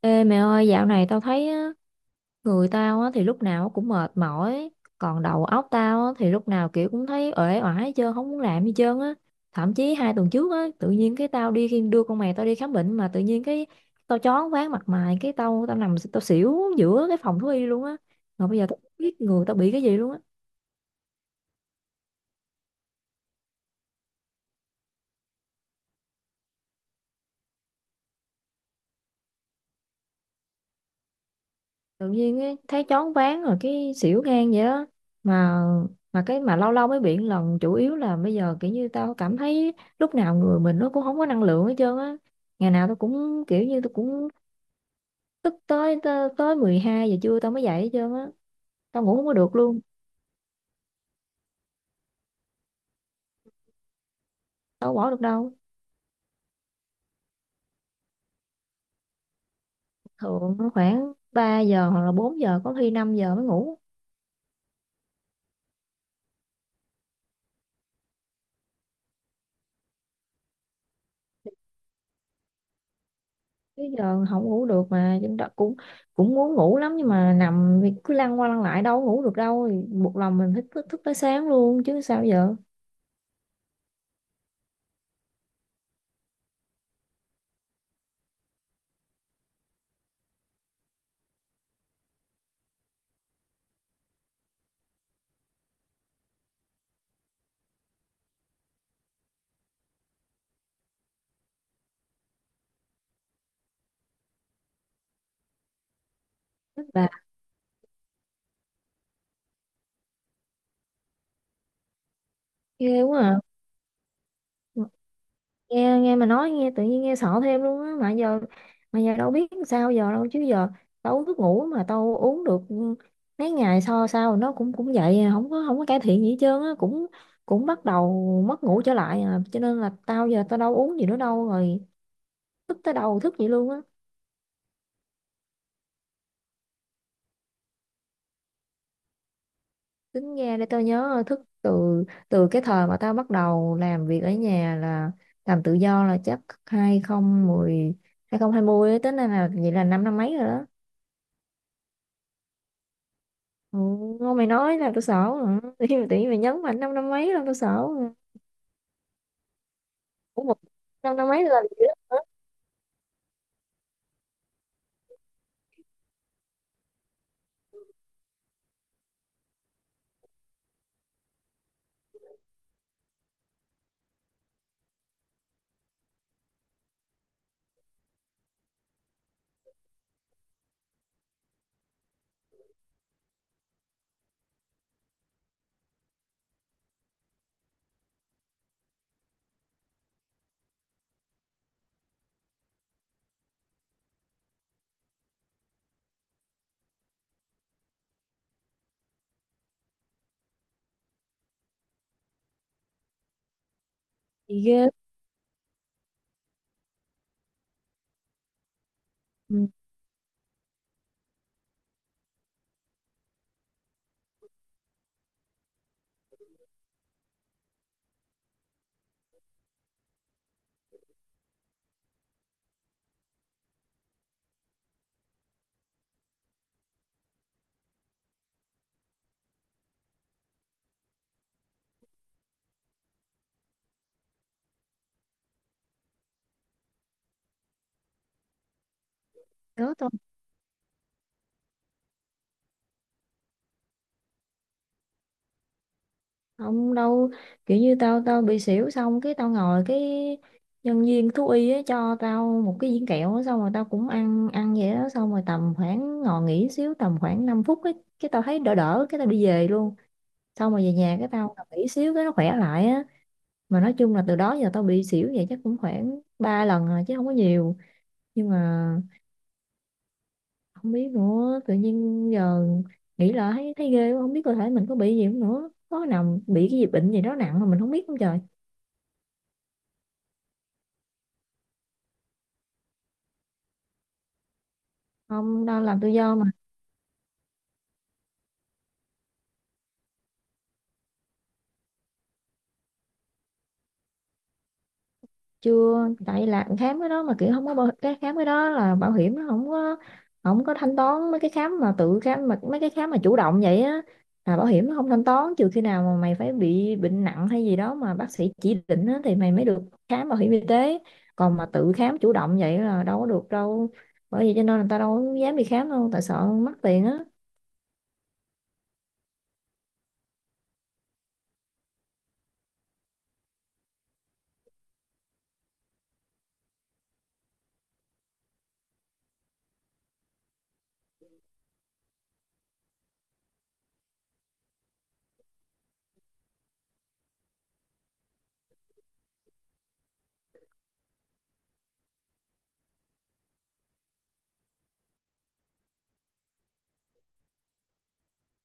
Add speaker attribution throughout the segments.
Speaker 1: Ê mẹ ơi, dạo này tao thấy á, người tao á, thì lúc nào cũng mệt mỏi, còn đầu óc tao á, thì lúc nào kiểu cũng thấy uể oải hết trơn, không muốn làm gì trơn á. Thậm chí hai tuần trước á, tự nhiên cái tao đi khi đưa con mày tao đi khám bệnh mà tự nhiên cái tao choáng váng mặt mày, cái tao tao nằm tao xỉu giữa cái phòng thú y luôn á. Mà bây giờ tao không biết người tao bị cái gì luôn á. Tự nhiên ấy, thấy choáng váng rồi cái xỉu ngang vậy đó. mà mà cái mà lâu lâu mới bị một lần, chủ yếu là bây giờ kiểu như tao cảm thấy lúc nào người mình nó cũng không có năng lượng hết trơn á. Ngày nào tao cũng kiểu như tao cũng tức tới tới, tới 12 giờ trưa tao mới dậy hết trơn á. Tao ngủ không có được luôn. Tao không bỏ được đâu. Thường nó khoảng 3 giờ hoặc là 4 giờ, có khi 5 giờ mới ngủ. Tới giờ không ngủ được mà chúng ta cũng cũng muốn ngủ lắm, nhưng mà nằm thì cứ lăn qua lăn lại đâu có ngủ được đâu, thì buộc lòng mình thức thức, thức tới sáng luôn chứ sao giờ. Rất là ghê quá à. Nghe nghe mà nói nghe tự nhiên nghe sợ thêm luôn á. Mà giờ mà giờ đâu biết sao giờ đâu chứ giờ tao uống thuốc ngủ mà tao uống được mấy ngày sau sau nó cũng cũng vậy à, không có không có cải thiện gì hết trơn á, cũng cũng bắt đầu mất ngủ trở lại à, cho nên là tao giờ tao đâu uống gì nữa đâu rồi, thức tới đầu thức vậy luôn á. Tính ra để tao nhớ, thức từ từ cái thời mà tao bắt đầu làm việc ở nhà là làm tự do, là chắc 2010 2020 á, tính ra là vậy là năm năm mấy rồi đó. Ừ, ngon mày nói là tao sợ rồi tự nhiên mày nhấn mạnh năm năm mấy là tao sợ rồi. Ủa một năm năm mấy là gì đó. Gì ghê. Ừ, đó. Không đâu, kiểu như tao tao bị xỉu xong cái tao ngồi, cái nhân viên thú y á cho tao một cái viên kẹo á, xong rồi tao cũng ăn ăn vậy đó, xong rồi tầm khoảng ngồi nghỉ xíu tầm khoảng 5 phút ấy, cái tao thấy đỡ đỡ cái tao đi về luôn. Xong rồi về nhà cái tao nằm nghỉ xíu cái nó khỏe lại á. Mà nói chung là từ đó giờ tao bị xỉu vậy chắc cũng khoảng 3 lần rồi chứ không có nhiều. Nhưng mà không biết nữa, tự nhiên giờ nghĩ lại thấy thấy ghê quá, không biết cơ thể mình có bị gì không nữa, có nào bị cái gì bệnh gì đó nặng mà mình không biết không trời. Không, đang làm tự do mà. Chưa, tại làm khám cái đó mà kiểu không có bảo, cái khám cái đó là bảo hiểm nó không có không có thanh toán mấy cái khám mà tự khám, mà mấy cái khám mà chủ động vậy á là bảo hiểm nó không thanh toán, trừ khi nào mà mày phải bị bệnh nặng hay gì đó mà bác sĩ chỉ định á, thì mày mới được khám bảo hiểm y tế. Còn mà tự khám chủ động vậy là đâu có được đâu, bởi vì cho nên người ta đâu có dám đi khám đâu, tại sợ mất tiền á.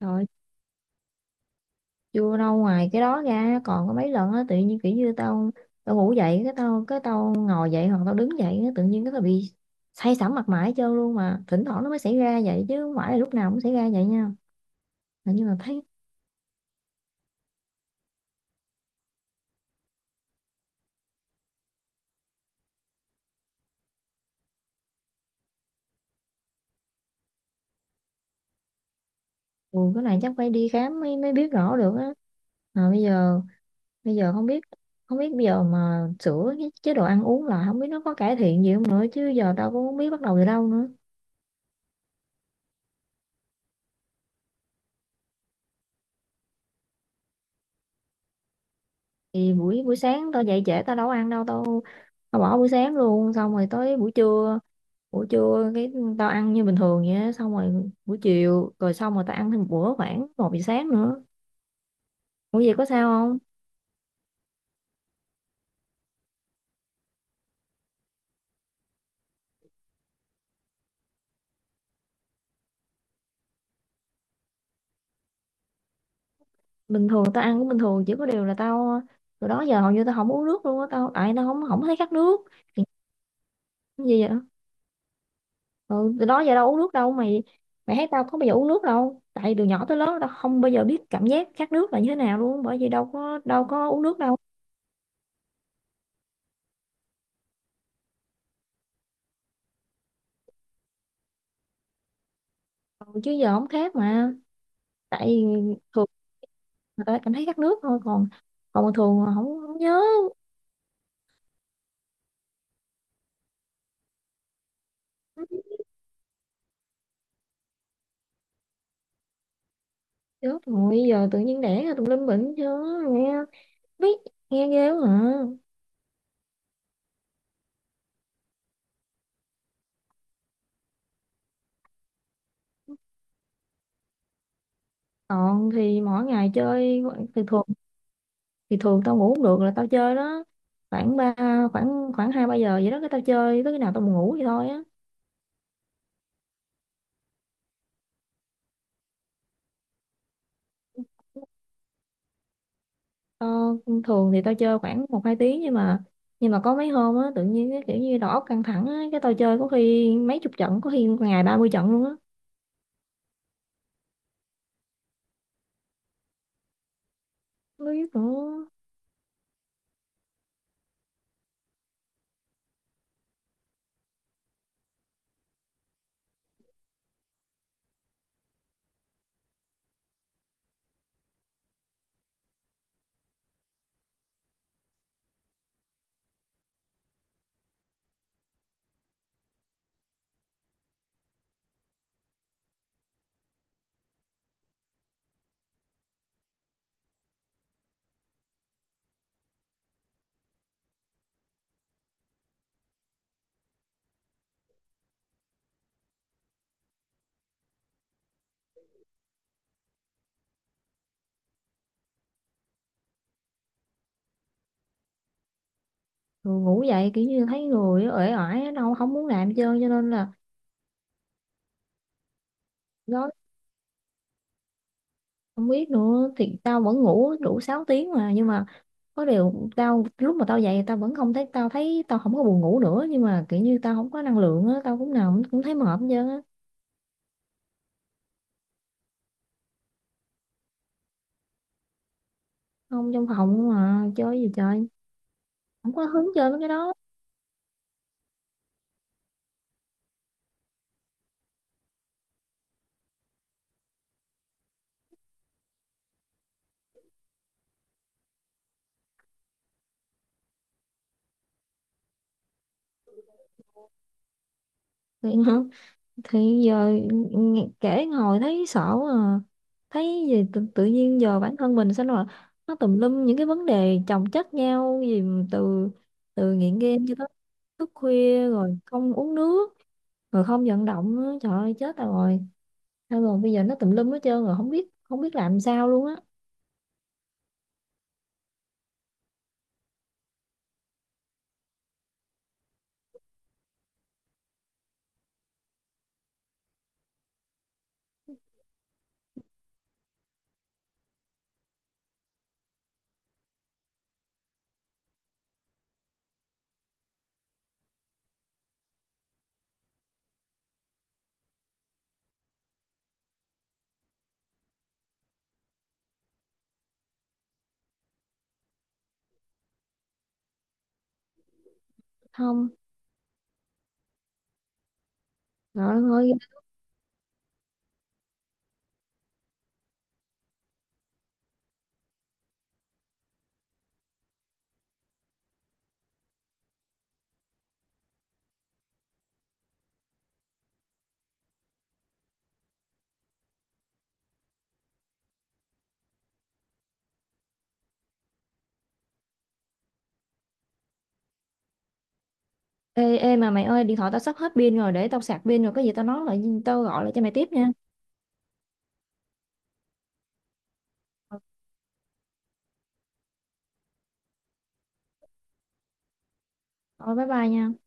Speaker 1: Rồi vô đâu, ngoài cái đó ra còn có mấy lần á tự nhiên kiểu như tao tao ngủ dậy cái cái tao ngồi dậy hoặc tao đứng dậy á, tự nhiên cái tao bị say sẩm mặt mày hết trơn luôn, mà thỉnh thoảng nó mới xảy ra vậy chứ không phải là lúc nào cũng xảy ra vậy nha. Mà nhưng mà thấy. Ừ, cái này chắc phải đi khám mới mới biết rõ được á. Mà bây giờ không biết không biết bây giờ mà sửa cái chế độ ăn uống là không biết nó có cải thiện gì không nữa, chứ giờ tao cũng không biết bắt đầu từ đâu nữa. Thì buổi buổi sáng tao dậy trễ tao đâu có ăn đâu, tao tao bỏ buổi sáng luôn, xong rồi tới buổi trưa, buổi trưa cái tao ăn như bình thường vậy á, xong rồi buổi chiều, rồi xong rồi tao ăn thêm một bữa khoảng một giờ sáng nữa. Ủa vậy có sao không. Bình thường tao ăn cũng bình thường, chỉ có điều là tao từ đó giờ hầu như tao không uống nước luôn á, tao tại tao không không thấy khát nước. Thì cái gì vậy. Ừ, từ đó giờ đâu uống nước đâu mày, mày thấy tao có bao giờ uống nước đâu, tại từ nhỏ tới lớn tao không bao giờ biết cảm giác khát nước là như thế nào luôn, bởi vì đâu có uống nước đâu. Ừ, chứ giờ không khát mà. Tại thường người ta cảm thấy khát nước thôi, còn còn thường là không không nhớ. Chết rồi, giờ tự nhiên đẻ ra tùm lum bệnh chứ, nghe, biết, nghe ghê quá à. Còn thì mỗi ngày chơi, thì thường, thì thường tao ngủ không được là tao chơi đó. Khoảng ba, khoảng khoảng hai ba giờ vậy đó, cái tao chơi tới khi nào tao buồn ngủ vậy thôi á. Tao, thường thì tao chơi khoảng một hai tiếng, nhưng mà nhưng mà có mấy hôm á, tự nhiên cái kiểu như đầu óc căng thẳng á, cái tao chơi có khi mấy chục trận, có khi ngày 30 trận luôn á. Không biết nữa, rồi ngủ dậy kiểu như thấy người uể oải, đâu không muốn làm chơi cho nên là. Gói, không biết nữa, thì tao vẫn ngủ đủ 6 tiếng mà, nhưng mà có điều tao lúc mà tao dậy tao vẫn không thấy, tao thấy tao không có buồn ngủ nữa, nhưng mà kiểu như tao không có năng lượng á, tao cũng nào cũng thấy mệt hết trơn á. Không, trong phòng mà chơi gì chơi, không có hứng chơi mấy cái đó. Thì, thì giờ nghe- kể ngồi thấy sợ quá à. Thấy gì tự, tự nhiên giờ bản thân mình sao là nó tùm lum những cái vấn đề chồng chất nhau gì, từ từ nghiện game cho tới thức khuya rồi không uống nước rồi không vận động nữa, trời ơi chết rồi. Thôi rồi bây giờ nó tùm lum hết trơn rồi, không biết không biết làm sao luôn á. Không, trời ơi. Ê, ê mà mày ơi, điện thoại tao sắp hết pin rồi, để tao sạc pin rồi có gì tao nói lại, tao gọi lại cho mày tiếp nha. Thôi bye bye nha.